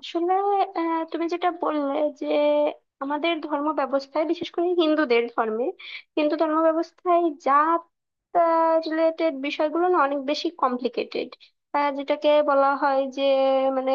আসলে তুমি যেটা বললে যে আমাদের ধর্ম ব্যবস্থায় বিশেষ করে হিন্দুদের ধর্মে, হিন্দু ধর্ম ব্যবস্থায় জাত রিলেটেড বিষয়গুলো না অনেক বেশি কমপ্লিকেটেড। যেটাকে বলা হয় যে মানে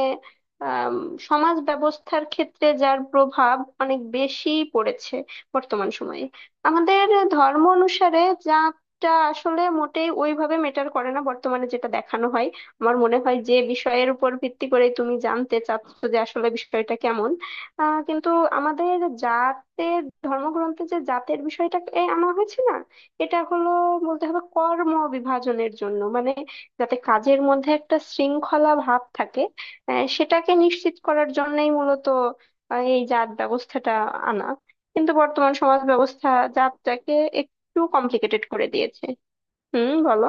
আম, সমাজ ব্যবস্থার ক্ষেত্রে যার প্রভাব অনেক বেশি পড়েছে বর্তমান সময়ে। আমাদের ধর্ম অনুসারে জাতটা আসলে মোটেই ওইভাবে মেটার করে না বর্তমানে যেটা দেখানো হয়। আমার মনে হয় যে বিষয়ের উপর ভিত্তি করে তুমি জানতে চাচ্ছ যে আসলে বিষয়টা কেমন। কিন্তু আমাদের জাতের ধর্মগ্রন্থে যে জাতের বিষয়টা এ আনা হয়েছে না, এটা হলো বলতে হবে কর্ম বিভাজনের জন্য, মানে যাতে কাজের মধ্যে একটা শৃঙ্খলা ভাব থাকে। সেটাকে নিশ্চিত করার জন্যই মূলত এই জাত ব্যবস্থাটা আনা। কিন্তু বর্তমান সমাজ ব্যবস্থা জাতটাকে একটু কমপ্লিকেটেড করে দিয়েছে। হুম, বলো।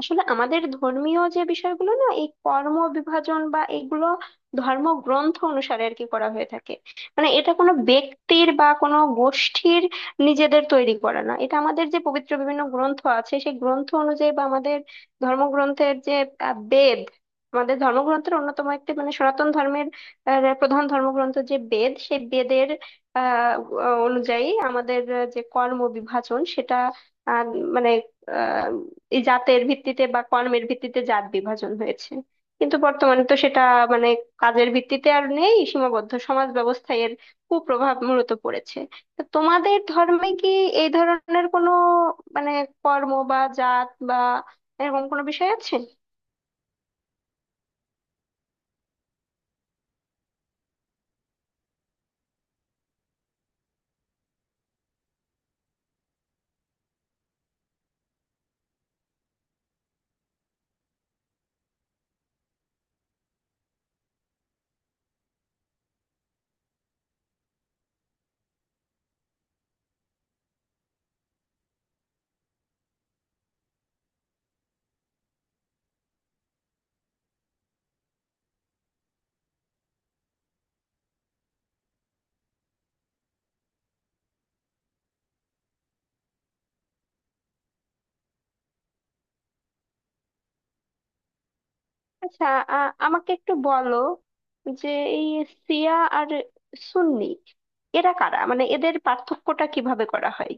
আসলে আমাদের ধর্মীয় যে বিষয়গুলো না, এই কর্ম বিভাজন বা এগুলো ধর্মগ্রন্থ অনুসারে আর কি করা হয়ে থাকে। মানে এটা কোনো ব্যক্তির বা কোনো গোষ্ঠীর নিজেদের তৈরি করা না, এটা আমাদের যে পবিত্র বিভিন্ন গ্রন্থ আছে সেই গ্রন্থ অনুযায়ী বা আমাদের ধর্মগ্রন্থের যে বেদ। আমাদের ধর্মগ্রন্থের অন্যতম একটি, মানে সনাতন ধর্মের প্রধান ধর্মগ্রন্থ যে বেদ, সেই বেদের আহ অনুযায়ী আমাদের যে কর্ম বিভাজন সেটা আহ, মানে এই জাতের ভিত্তিতে বা কর্মের ভিত্তিতে জাত বিভাজন হয়েছে। কিন্তু বর্তমানে তো সেটা মানে কাজের ভিত্তিতে আর নেই সীমাবদ্ধ, সমাজ ব্যবস্থায় এর কুপ্রভাব মূলত পড়েছে। তো তোমাদের ধর্মে কি এই ধরনের কোনো মানে কর্ম বা জাত বা এরকম কোনো বিষয় আছে? আচ্ছা, আমাকে একটু বলো যে এই শিয়া আর সুন্নি এরা কারা, মানে এদের পার্থক্যটা কিভাবে করা হয়?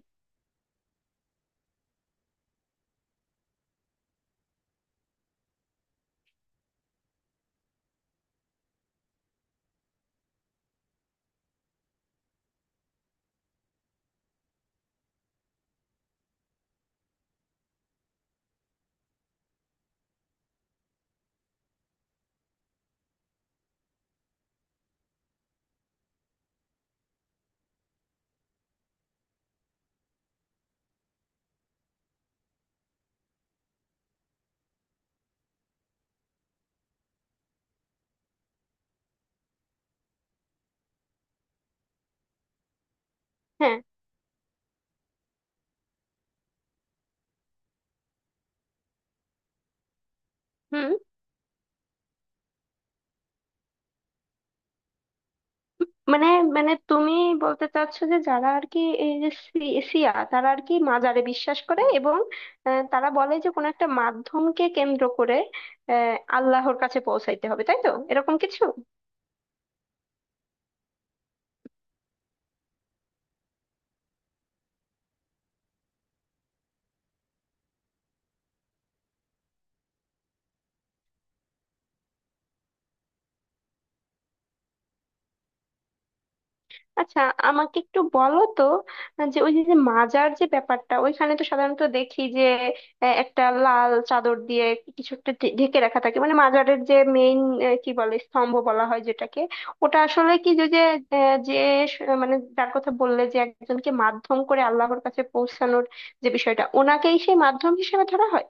হ্যাঁ। হুম। মানে মানে তুমি বলতে চাচ্ছো যে যারা আর কি এই যে শিয়া তারা আর কি মাজারে বিশ্বাস করে, এবং তারা বলে যে কোনো একটা মাধ্যমকে কেন্দ্র করে আল্লাহর কাছে পৌঁছাইতে হবে, তাই তো? এরকম কিছু। আচ্ছা, আমাকে একটু বলো তো যে ওই যে যে মাজার যে ব্যাপারটা, ওইখানে তো সাধারণত দেখি যে একটা লাল চাদর দিয়ে কিছু একটা ঢেকে রাখা থাকে, মানে মাজারের যে মেইন কি বলে স্তম্ভ বলা হয় যেটাকে। ওটা আসলে কি, যে যে যে মানে যার কথা বললে যে একজনকে মাধ্যম করে আল্লাহর কাছে পৌঁছানোর যে বিষয়টা, ওনাকেই সেই মাধ্যম হিসেবে ধরা হয়?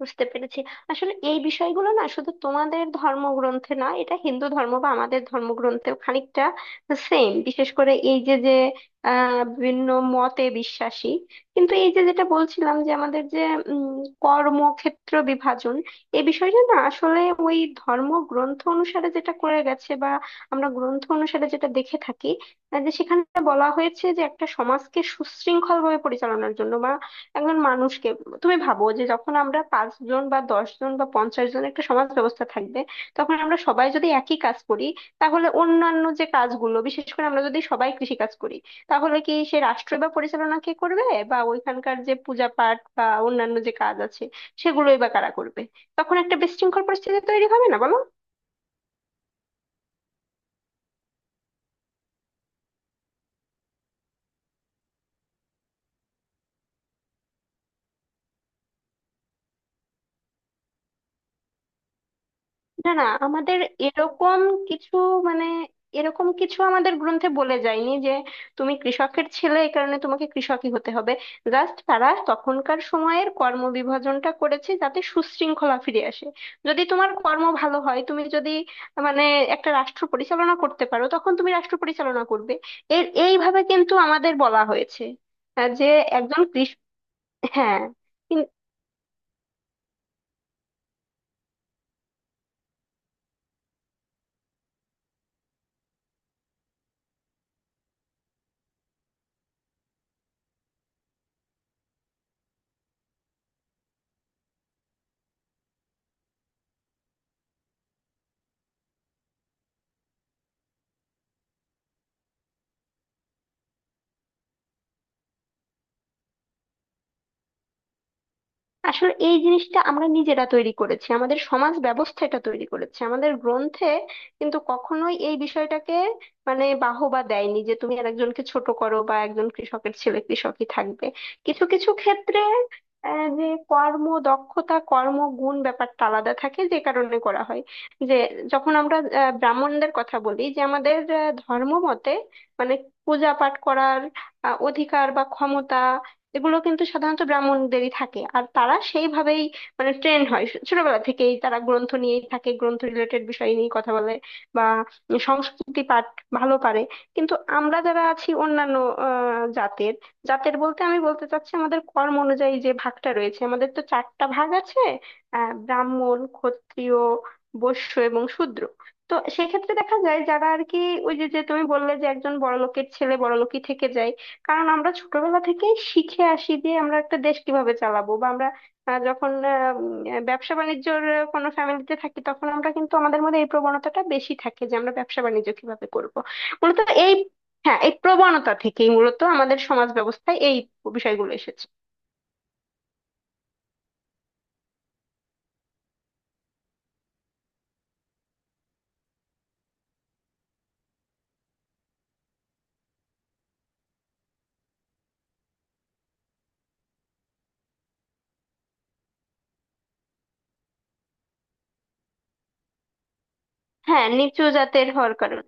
বুঝতে পেরেছি। আসলে এই বিষয়গুলো না শুধু তোমাদের ধর্মগ্রন্থে না, এটা হিন্দু ধর্ম বা আমাদের ধর্মগ্রন্থেও খানিকটা সেম, বিশেষ করে এই যে যে বিভিন্ন মতে বিশ্বাসী। কিন্তু এই যে যেটা বলছিলাম যে আমাদের যে উম, কর্মক্ষেত্র বিভাজন, এই বিষয়টা না আসলে ওই ধর্মগ্রন্থ অনুসারে যেটা করে গেছে বা আমরা গ্রন্থ অনুসারে যেটা দেখে থাকি, যে সেখানে বলা হয়েছে যে একটা সমাজকে সুশৃঙ্খল ভাবে পরিচালনার জন্য বা একজন মানুষকে। তুমি ভাবো যে যখন আমরা পাঁচ জন বা 10 জন বা 50 জন একটা সমাজ ব্যবস্থা থাকবে, তখন আমরা সবাই যদি একই কাজ করি, তাহলে অন্যান্য যে কাজগুলো, বিশেষ করে আমরা যদি সবাই কৃষি কাজ করি, তাহলে কি সে রাষ্ট্র বা পরিচালনা কে করবে? বা ওইখানকার যে পূজা পাঠ বা অন্যান্য যে কাজ আছে সেগুলোই বা কারা করবে? তখন একটা বিশৃঙ্খল পরিস্থিতি তৈরি হবে না, বলো? না, না। আমাদের এরকম কিছু, মানে এরকম কিছু আমাদের গ্রন্থে বলে যায়নি যে তুমি কৃষকের ছেলে এই কারণে তোমাকে কৃষকই হতে হবে। জাস্ট তারা তখনকার সময়ের কর্ম বিভাজনটা করেছে যাতে সুশৃঙ্খলা ফিরে আসে। যদি তোমার কর্ম ভালো হয়, তুমি যদি মানে একটা রাষ্ট্র পরিচালনা করতে পারো তখন তুমি রাষ্ট্র পরিচালনা করবে। এইভাবে কিন্তু আমাদের বলা হয়েছে যে একজন কৃষ। হ্যাঁ, আসলে এই জিনিসটা আমরা নিজেরা তৈরি করেছি, আমাদের সমাজ ব্যবস্থা এটা তৈরি করেছে। আমাদের গ্রন্থে কিন্তু কখনোই এই বিষয়টাকে মানে বাহবা দেয়নি যে তুমি আর একজনকে ছোট করো বা একজন কৃষকের ছেলে কৃষকই থাকবে। কিছু কিছু ক্ষেত্রে যে কর্ম দক্ষতা, কর্ম গুণ ব্যাপারটা আলাদা থাকে, যে কারণে করা হয় যে যখন আমরা ব্রাহ্মণদের কথা বলি যে আমাদের ধর্ম মতে, মানে পূজা পাঠ করার অধিকার বা ক্ষমতা, এগুলো কিন্তু সাধারণত ব্রাহ্মণদেরই থাকে। আর তারা সেইভাবেই মানে ট্রেন হয়, ছোটবেলা থেকেই তারা গ্রন্থ নিয়েই থাকে, গ্রন্থ রিলেটেড বিষয় নিয়ে কথা বলে বা সংস্কৃতি পাঠ ভালো পারে। কিন্তু আমরা যারা আছি অন্যান্য জাতের। জাতের বলতে আমি বলতে চাচ্ছি আমাদের কর্ম অনুযায়ী যে ভাগটা রয়েছে। আমাদের তো চারটা ভাগ আছে, ব্রাহ্মণ, ক্ষত্রিয়, বৈশ্য এবং শূদ্র। তো সেক্ষেত্রে দেখা যায় যারা আর কি ওই যে যে তুমি বললে যে একজন বড়লোকের ছেলে বড়লোকই থেকে যায়, কারণ আমরা ছোটবেলা থেকে শিখে আসি যে আমরা একটা দেশ কিভাবে চালাবো। বা আমরা যখন ব্যবসা বাণিজ্যর কোনো ফ্যামিলিতে থাকি, তখন আমরা কিন্তু আমাদের মধ্যে এই প্রবণতাটা বেশি থাকে যে আমরা ব্যবসা বাণিজ্য কিভাবে করব। মূলত এই, হ্যাঁ, এই প্রবণতা থেকেই মূলত আমাদের সমাজ ব্যবস্থায় এই বিষয়গুলো এসেছে। হ্যাঁ, নিচু জাতের হওয়ার কারণে।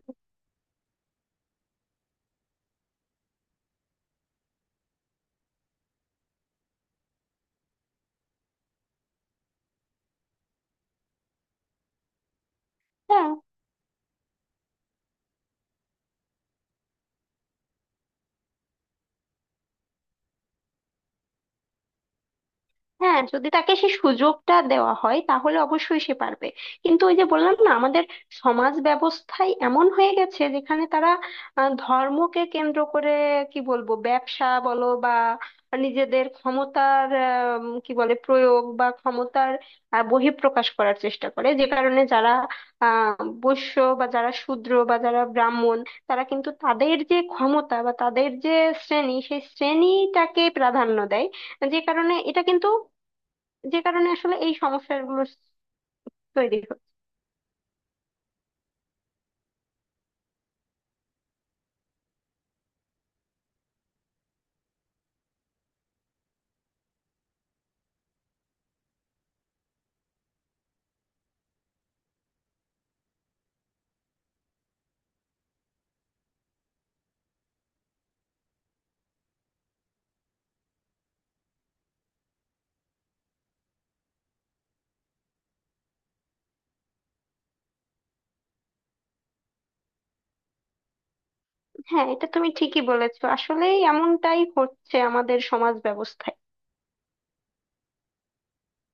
হ্যাঁ, হ্যাঁ। যদি তাকে সেই সুযোগটা দেওয়া হয় তাহলে অবশ্যই সে পারবে। কিন্তু ওই যে বললাম না, আমাদের সমাজ ব্যবস্থায় এমন হয়ে গেছে যেখানে তারা ধর্মকে কেন্দ্র করে কি বলবো ব্যবসা বলো বা নিজেদের ক্ষমতার কি বলে প্রয়োগ বা ক্ষমতার বহিঃপ্রকাশ করার চেষ্টা করে, যে কারণে যারা বৈশ্য বা যারা শূদ্র বা যারা ব্রাহ্মণ, তারা কিন্তু তাদের যে ক্ষমতা বা তাদের যে শ্রেণী, সেই শ্রেণীটাকে প্রাধান্য দেয়। যে কারণে এটা কিন্তু, যে কারণে আসলে এই সমস্যাগুলো তৈরি হচ্ছে। হ্যাঁ, এটা তুমি ঠিকই বলেছো, আসলে এমনটাই হচ্ছে আমাদের সমাজ ব্যবস্থায়।